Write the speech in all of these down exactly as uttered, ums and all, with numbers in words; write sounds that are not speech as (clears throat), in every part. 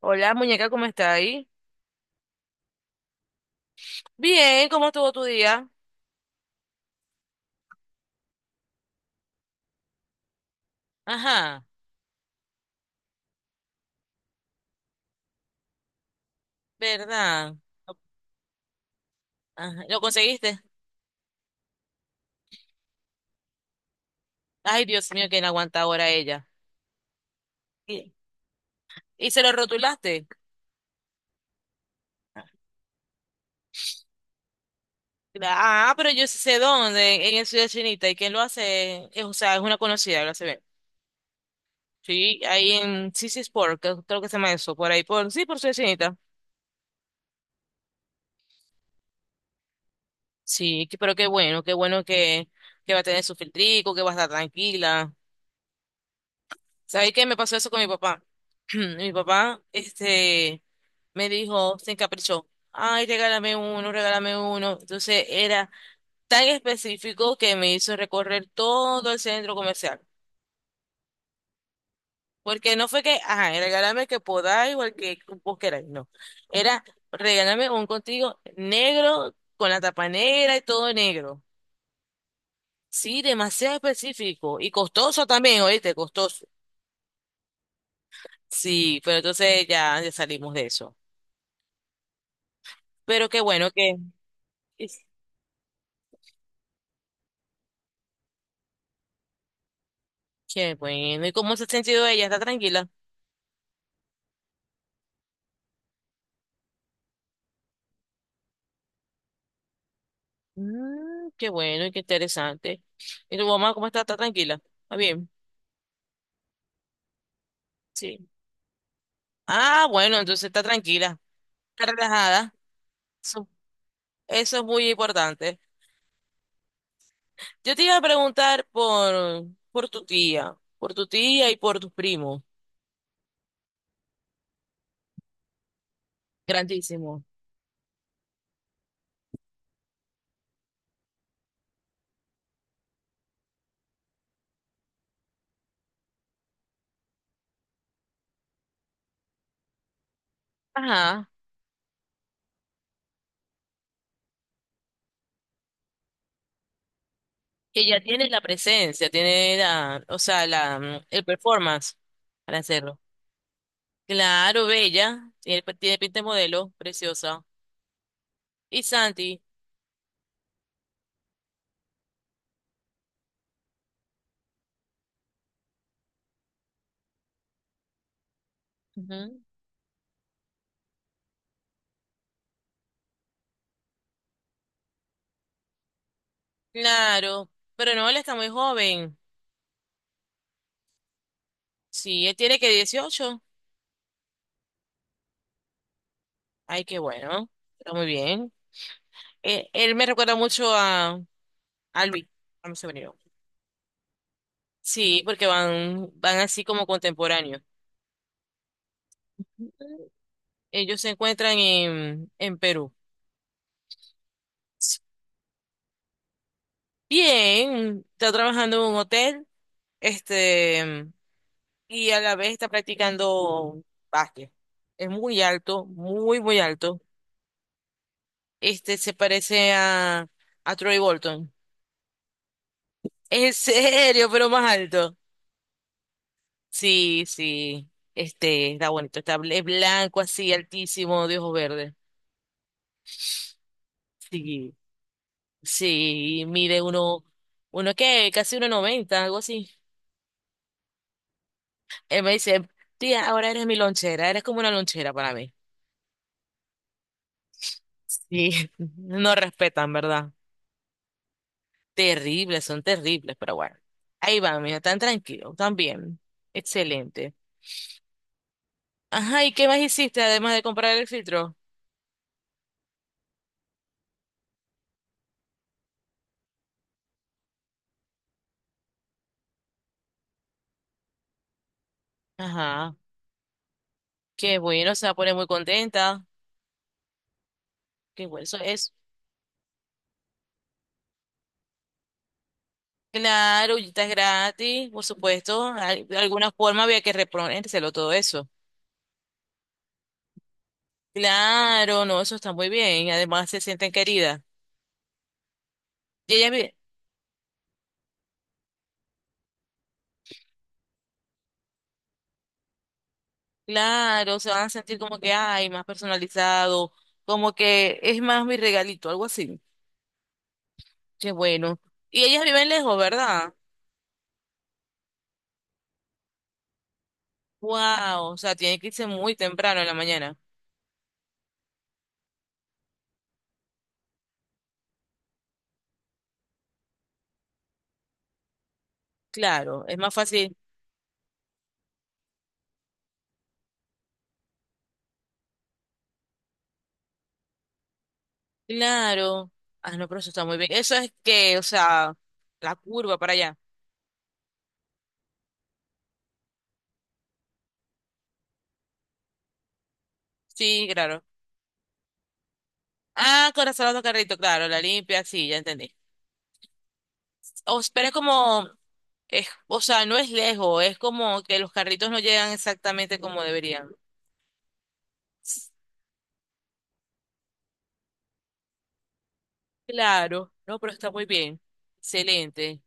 Hola, muñeca, ¿cómo está ahí? Bien, ¿cómo estuvo tu día? Ajá, ¿verdad? Ajá. ¿Lo conseguiste? Ay, Dios mío, que no aguanta ahora ella. Y- ¿Y se lo rotulaste? Cla- Ah, pero yo sí sé dónde, en, en Ciudad Chinita, y quién lo hace, es, o sea, es una conocida, lo hace bien. Sí, ahí en C C Sport, que- creo que se llama eso, por ahí, por, sí, por Ciudad Chinita. Sí, que- pero qué bueno, qué bueno que, que va a tener su filtrico, que va a estar tranquila. ¿Sabéis qué me pasó eso con mi papá? (clears throat) Mi papá, este, me dijo, se encaprichó. Ay, regálame uno, regálame uno. Entonces era tan específico que me hizo recorrer todo el centro comercial. Porque no fue que, ajá, regálame que podáis o el que vos queráis, no. Era regálame un contigo negro con la tapa negra y todo negro. Sí, demasiado específico y costoso también, oíste, costoso. Sí, pero entonces ya, ya salimos de eso. Pero qué bueno que. Es- Qué bueno. ¿Y cómo se ha sentido ella? ¿Está tranquila? Mm, qué bueno y qué interesante. ¿Y tu mamá cómo está? ¿Está tranquila? ¿Está bien? Sí. Ah, bueno, entonces está tranquila. Está relajada. Eso, eso es muy importante. Yo te iba a preguntar por, por tu tía, por tu tía y por tus primos. Grandísimo. Ajá. Que ya tiene la presencia, tiene la, o sea, la, mm, el performance para hacerlo. Claro, bella. Tiene, pues, tiene pinta de modelo, preciosa. Y Santi. Ujú. Claro. Pero no, él está muy joven. Sí, él tiene que dieciocho. Ay, qué bueno. Está muy bien. Eh, él me recuerda mucho a, a, Luis, a mi sobrino. Sí, porque van, van así como contemporáneos. Ujú. Ellos se encuentran en, en Perú. Bien, está trabajando en un hotel. Este, y a la vez está practicando básquet. Es muy alto, muy, muy alto. Este se parece a, a, Troy Bolton. En serio, pero más alto. Sí, sí. Este está bonito. Está, bl- es blanco así, altísimo, de ojos verdes. Sí, sí. Mide uno, uno qué, casi uno noventa, algo así. Él me dice, tía, ahora eres mi lonchera, eres como una lonchera para mí. Sí, (laughs) no respetan, ¿verdad? Terribles, son terribles, pero bueno. Ahí van, mira, tan tranquilo, tan bien. Excelente. Ajá, ¿y qué más hiciste además de comprar el filtro? Ajá, qué bueno, se va a poner muy contenta. Qué bueno, eso es. Claro, y está gratis, por supuesto. al- De alguna forma había que reponérselo todo eso. Claro, no, eso está muy bien. Además se sienten queridas. Y ellas, vi- claro, se van a sentir como que hay más personalizado, como que es más mi regalito, algo así. Qué bueno. Y ellas viven lejos, ¿verdad? Wow, o sea, tienen que irse muy temprano en la mañana. Claro, es más fácil. Claro. Ah, no, pero eso está muy bien. Eso es que, o sea, la curva para allá. Sí, claro. Ah, corazonado carrito, claro, la limpia, sí, ya entendí. O, pero es como, es, o sea, no es lejos, es como que los carritos no llegan exactamente como deberían. Claro, no, pero está muy bien. Excelente.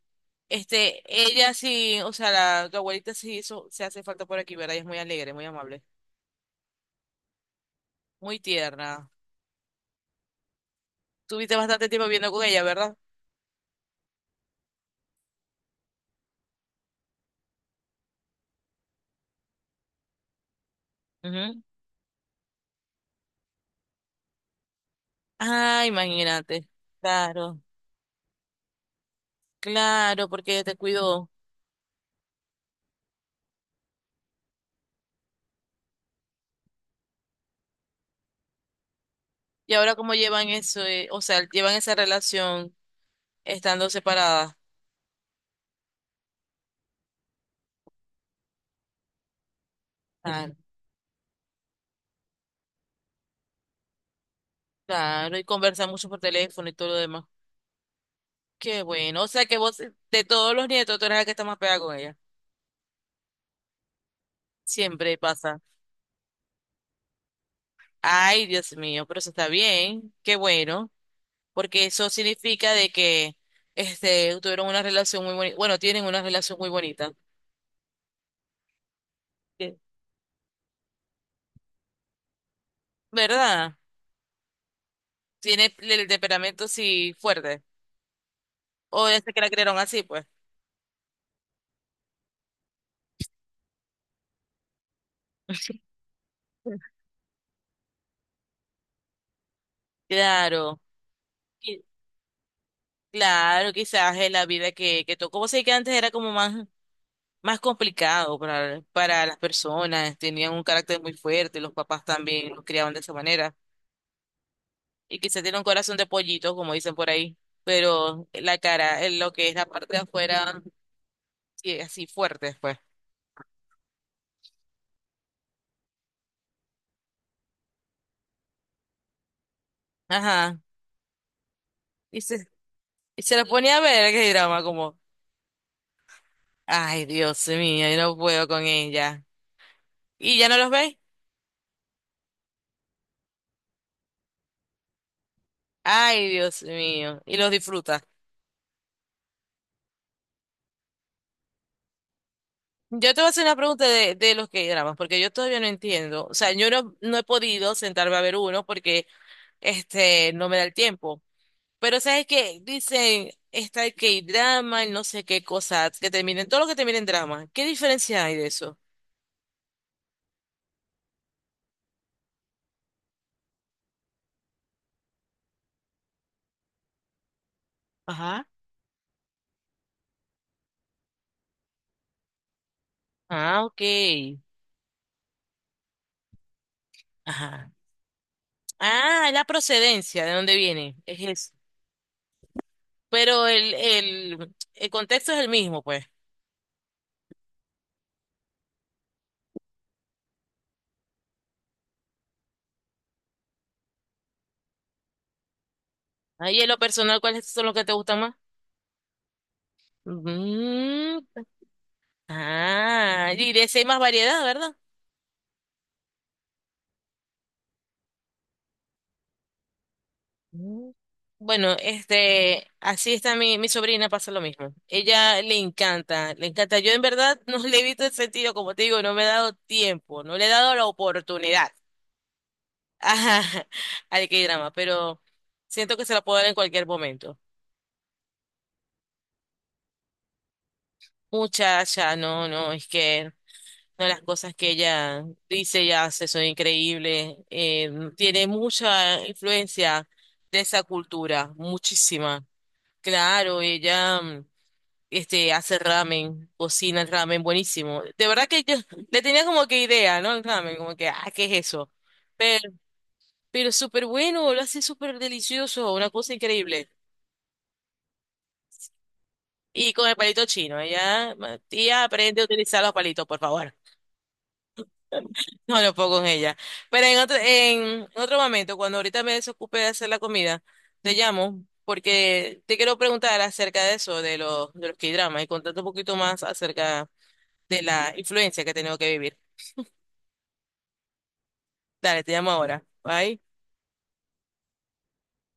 Este, ella sí, o sea, la, tu abuelita sí hizo, se hace falta por aquí, ¿verdad? Ella es muy alegre, muy amable, muy tierna. Tuviste bastante tiempo viviendo con ella, ¿verdad? Ujú. Ah, imagínate. Claro, claro, porque ella te cuidó. Y ahora cómo llevan eso, eh, o sea, llevan esa relación estando separadas. Claro, claro, y conversan mucho por teléfono y todo lo demás. Qué bueno. O sea que vos, de todos los nietos, tú eres la que está más pegada con ella. Siempre pasa. Ay, Dios mío, pero eso está bien. Qué bueno. Porque eso significa de que este, tuvieron una relación muy bonita, bueno, tienen una relación muy bonita. Sí. ¿Verdad? Tiene el temperamento sí fuerte, o ya es que la crearon así, pues. Claro, qui- claro, quizás es la vida que, que, tocó. Vos sabés que antes era como más, más, complicado para, para las personas, tenían un carácter muy fuerte, los papás también los criaban de esa manera. Y quizás tiene un corazón de pollito, como dicen por ahí, pero la cara, eh, lo que es la parte de afuera, sí, así fuerte después. Ajá. Y se, y se, la ponía a ver el K-drama como, ay, Dios mío, yo no puedo con ella. ¿Y ya no los veis? Ay, Dios mío. Y los disfruta. Yo te voy a hacer una pregunta de, de los K-dramas, porque yo todavía no entiendo. O sea, yo no, no he podido sentarme a ver uno porque este no me da el tiempo. Pero sabes que dicen, está el K-drama, el no sé qué cosas, que terminen, todo lo que termina en drama. ¿Qué diferencia hay de eso? Ajá. Ah, ok. Ajá. Ah, la procedencia, ¿de dónde viene? Es eso. Pero el, el, el, contexto es el mismo, pues. Ahí en lo personal, ¿cuáles son los que te gustan más? Mm, ah, y de ese hay más variedad, ¿verdad? Mm. Bueno, este, así está mi, mi sobrina, pasa lo mismo. Ella le encanta, le encanta. Yo en verdad no (laughs) le he visto el sentido, como te digo, no me he dado tiempo, no le he dado la oportunidad. (laughs) Ajá, al K-drama, pero siento que se la puedo dar en cualquier momento. Muchacha, no, no, es que una de las cosas que ella dice y hace son increíbles. Eh, tiene mucha influencia de esa cultura, muchísima. Claro, ella mm, este, hace ramen, cocina el ramen buenísimo. De verdad que yo le tenía como que idea, ¿no? El ramen, como que, ah, ¿qué es eso? Pero, pero, súper bueno, lo hace súper delicioso, una cosa increíble. Y con el palito chino, ella, tía, aprende a utilizar los palitos, por favor. No, no puedo con ella. Pero en otro, en otro, momento, cuando ahorita me desocupe de hacer la comida, te llamo porque te quiero preguntar acerca de eso, de los, de los K-dramas y contarte un poquito más acerca de la influencia que he tenido que vivir. Dale, te llamo ahora. Bye.